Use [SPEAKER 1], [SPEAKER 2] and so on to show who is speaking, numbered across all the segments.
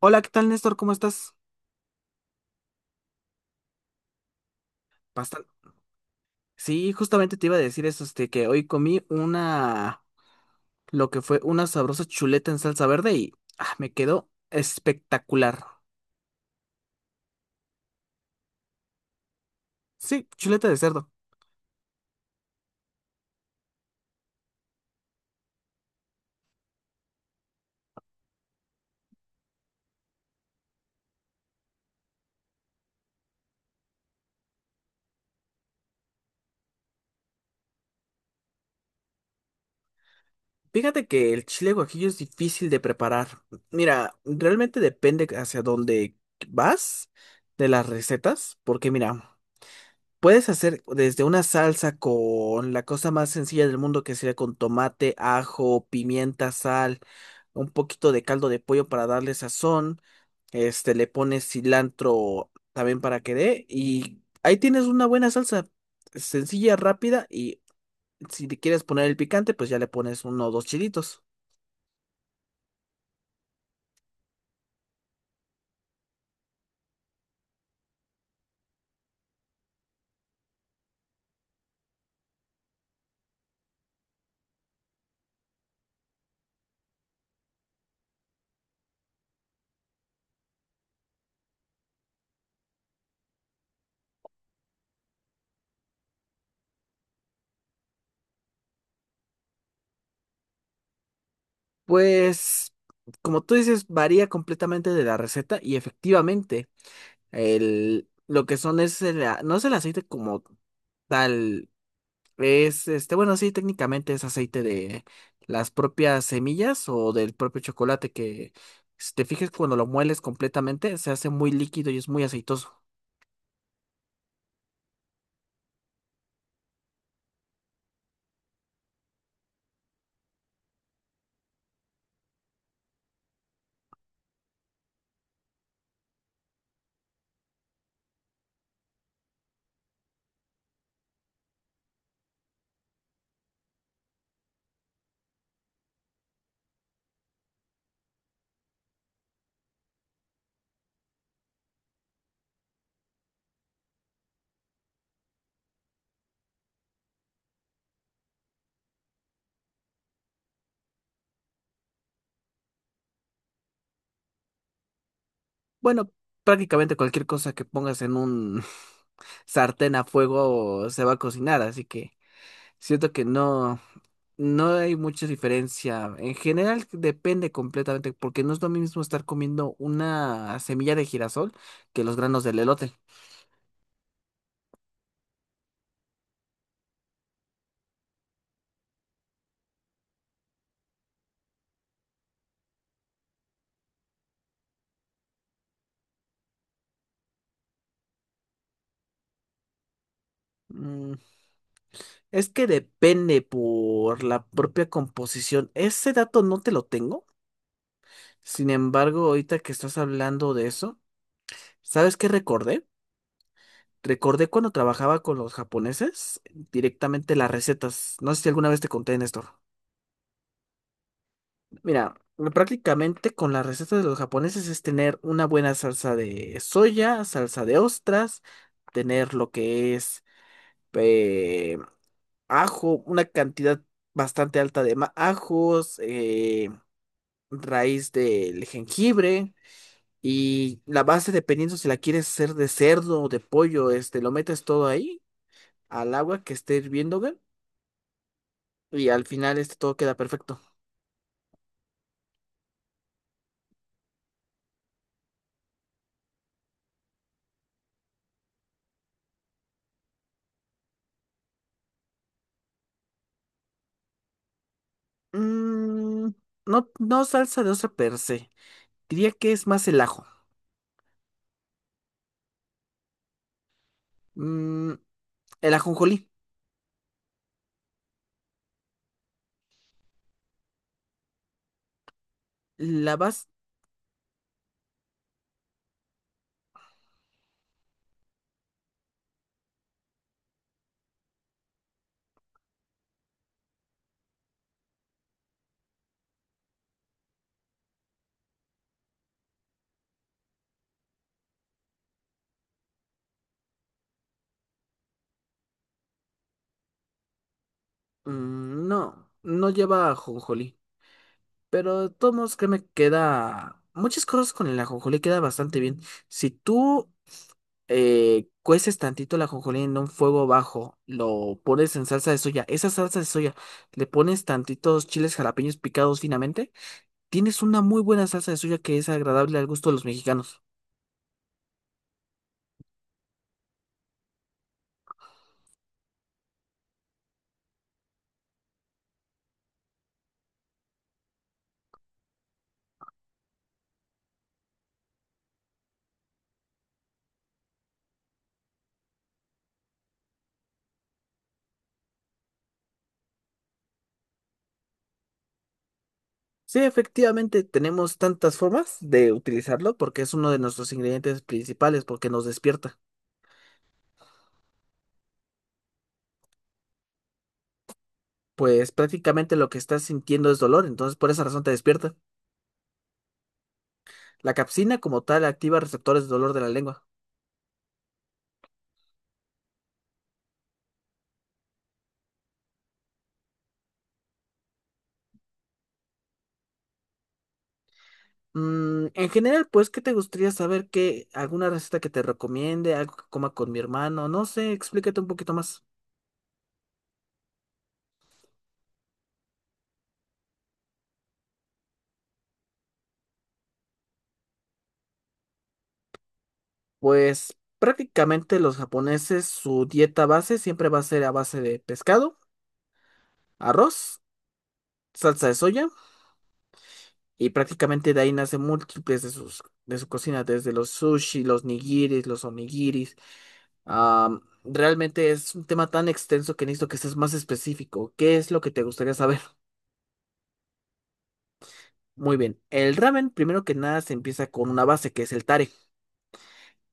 [SPEAKER 1] Hola, ¿qué tal, Néstor? ¿Cómo estás? Bastante. Sí, justamente te iba a decir eso, que hoy comí lo que fue una sabrosa chuleta en salsa verde y me quedó espectacular. Sí, chuleta de cerdo. Fíjate que el chile guajillo es difícil de preparar. Mira, realmente depende hacia dónde vas de las recetas, porque mira, puedes hacer desde una salsa con la cosa más sencilla del mundo, que sería con tomate, ajo, pimienta, sal, un poquito de caldo de pollo para darle sazón. Le pones cilantro también para que dé. Y ahí tienes una buena salsa sencilla, rápida. Y si le quieres poner el picante, pues ya le pones uno o dos chilitos. Pues, como tú dices, varía completamente de la receta y efectivamente. Lo que son es no es el aceite como tal, es bueno, sí, técnicamente es aceite de las propias semillas o del propio chocolate que, si te fijas, cuando lo mueles completamente, se hace muy líquido y es muy aceitoso. Bueno, prácticamente cualquier cosa que pongas en un sartén a fuego se va a cocinar, así que siento que no. No hay mucha diferencia. En general depende completamente, porque no es lo mismo estar comiendo una semilla de girasol que los granos del elote. Mm, es que depende por la propia composición. Ese dato no te lo tengo. Sin embargo, ahorita que estás hablando de eso, ¿sabes qué recordé? Recordé cuando trabajaba con los japoneses directamente las recetas. No sé si alguna vez te conté, Néstor. Mira, prácticamente con las recetas de los japoneses es tener una buena salsa de soya, salsa de ostras, tener lo que es eh, ajo, una cantidad bastante alta de ajos, raíz del jengibre y la base, dependiendo si la quieres hacer de cerdo o de pollo, lo metes todo ahí al agua que esté hirviendo, güey, y al final todo queda perfecto. Mm, no, no salsa de ostra per se. Diría que es más el ajo. Mm, el ajonjolí. ¿La vas? Mm, no, no lleva ajonjolí. Pero de todos modos, créeme, queda... Muchas cosas con el ajonjolí queda bastante bien. Si tú cueces tantito el ajonjolí en un fuego bajo, lo pones en salsa de soya. Esa salsa de soya, le pones tantitos chiles jalapeños picados finamente. Tienes una muy buena salsa de soya que es agradable al gusto de los mexicanos. Sí, efectivamente, tenemos tantas formas de utilizarlo porque es uno de nuestros ingredientes principales, porque nos despierta. Pues prácticamente lo que estás sintiendo es dolor, entonces por esa razón te despierta. La capsina como tal activa receptores de dolor de la lengua. En general, pues, ¿qué te gustaría saber? ¿Qué, alguna receta que te recomiende? ¿Algo que coma con mi hermano? No sé, explícate un poquito más. Pues prácticamente los japoneses, su dieta base siempre va a ser a base de pescado, arroz, salsa de soya. Y prácticamente de ahí nace múltiples de de su cocina, desde los sushi, los nigiris, los onigiris. Realmente es un tema tan extenso que necesito que seas más específico. ¿Qué es lo que te gustaría saber? Muy bien. El ramen, primero que nada, se empieza con una base que es el tare.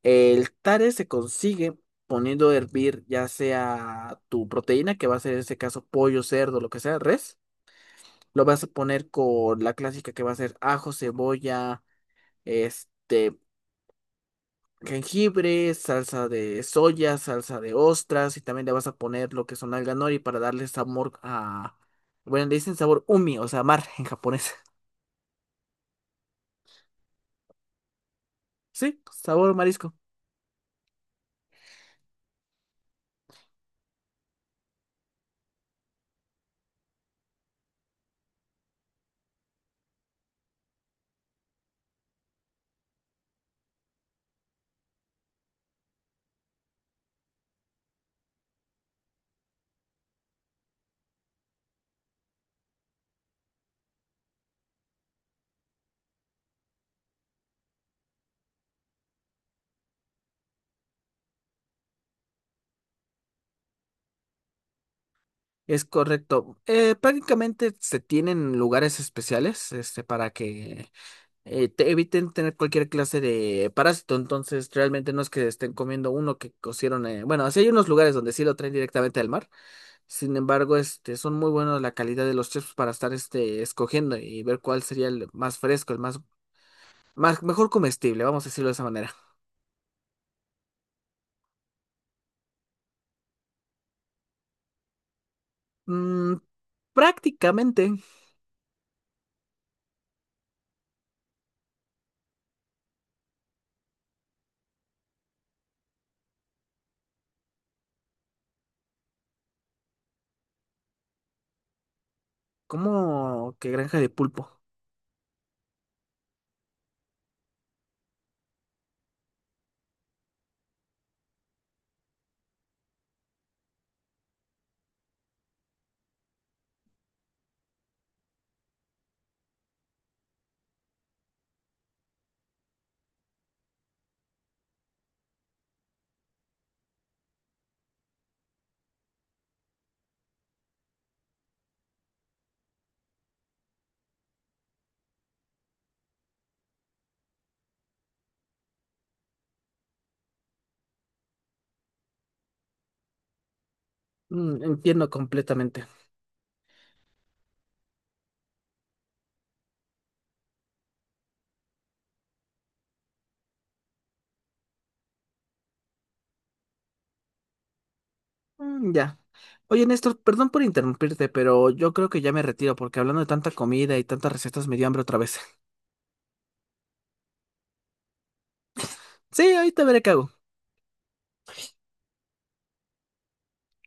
[SPEAKER 1] El tare se consigue poniendo a hervir ya sea tu proteína, que va a ser en este caso pollo, cerdo, lo que sea, res. Lo vas a poner con la clásica que va a ser ajo, cebolla, este jengibre, salsa de soya, salsa de ostras y también le vas a poner lo que son alga nori para darle sabor a... Bueno, le dicen sabor umi, o sea, mar en japonés. Sí, sabor marisco. Es correcto. Prácticamente se tienen lugares especiales para que te eviten tener cualquier clase de parásito. Entonces, realmente no es que estén comiendo uno que cocieron. Bueno, así hay unos lugares donde sí lo traen directamente del mar. Sin embargo, son muy buenos la calidad de los chips para estar escogiendo y ver cuál sería el más fresco, más mejor comestible, vamos a decirlo de esa manera. Mm, Prácticamente como que granja de pulpo. Entiendo completamente. Mm, ya. Oye, Néstor, perdón por interrumpirte, pero yo creo que ya me retiro porque hablando de tanta comida y tantas recetas me dio hambre otra vez. Sí, ahorita veré qué hago.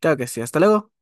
[SPEAKER 1] Claro que sí, hasta luego.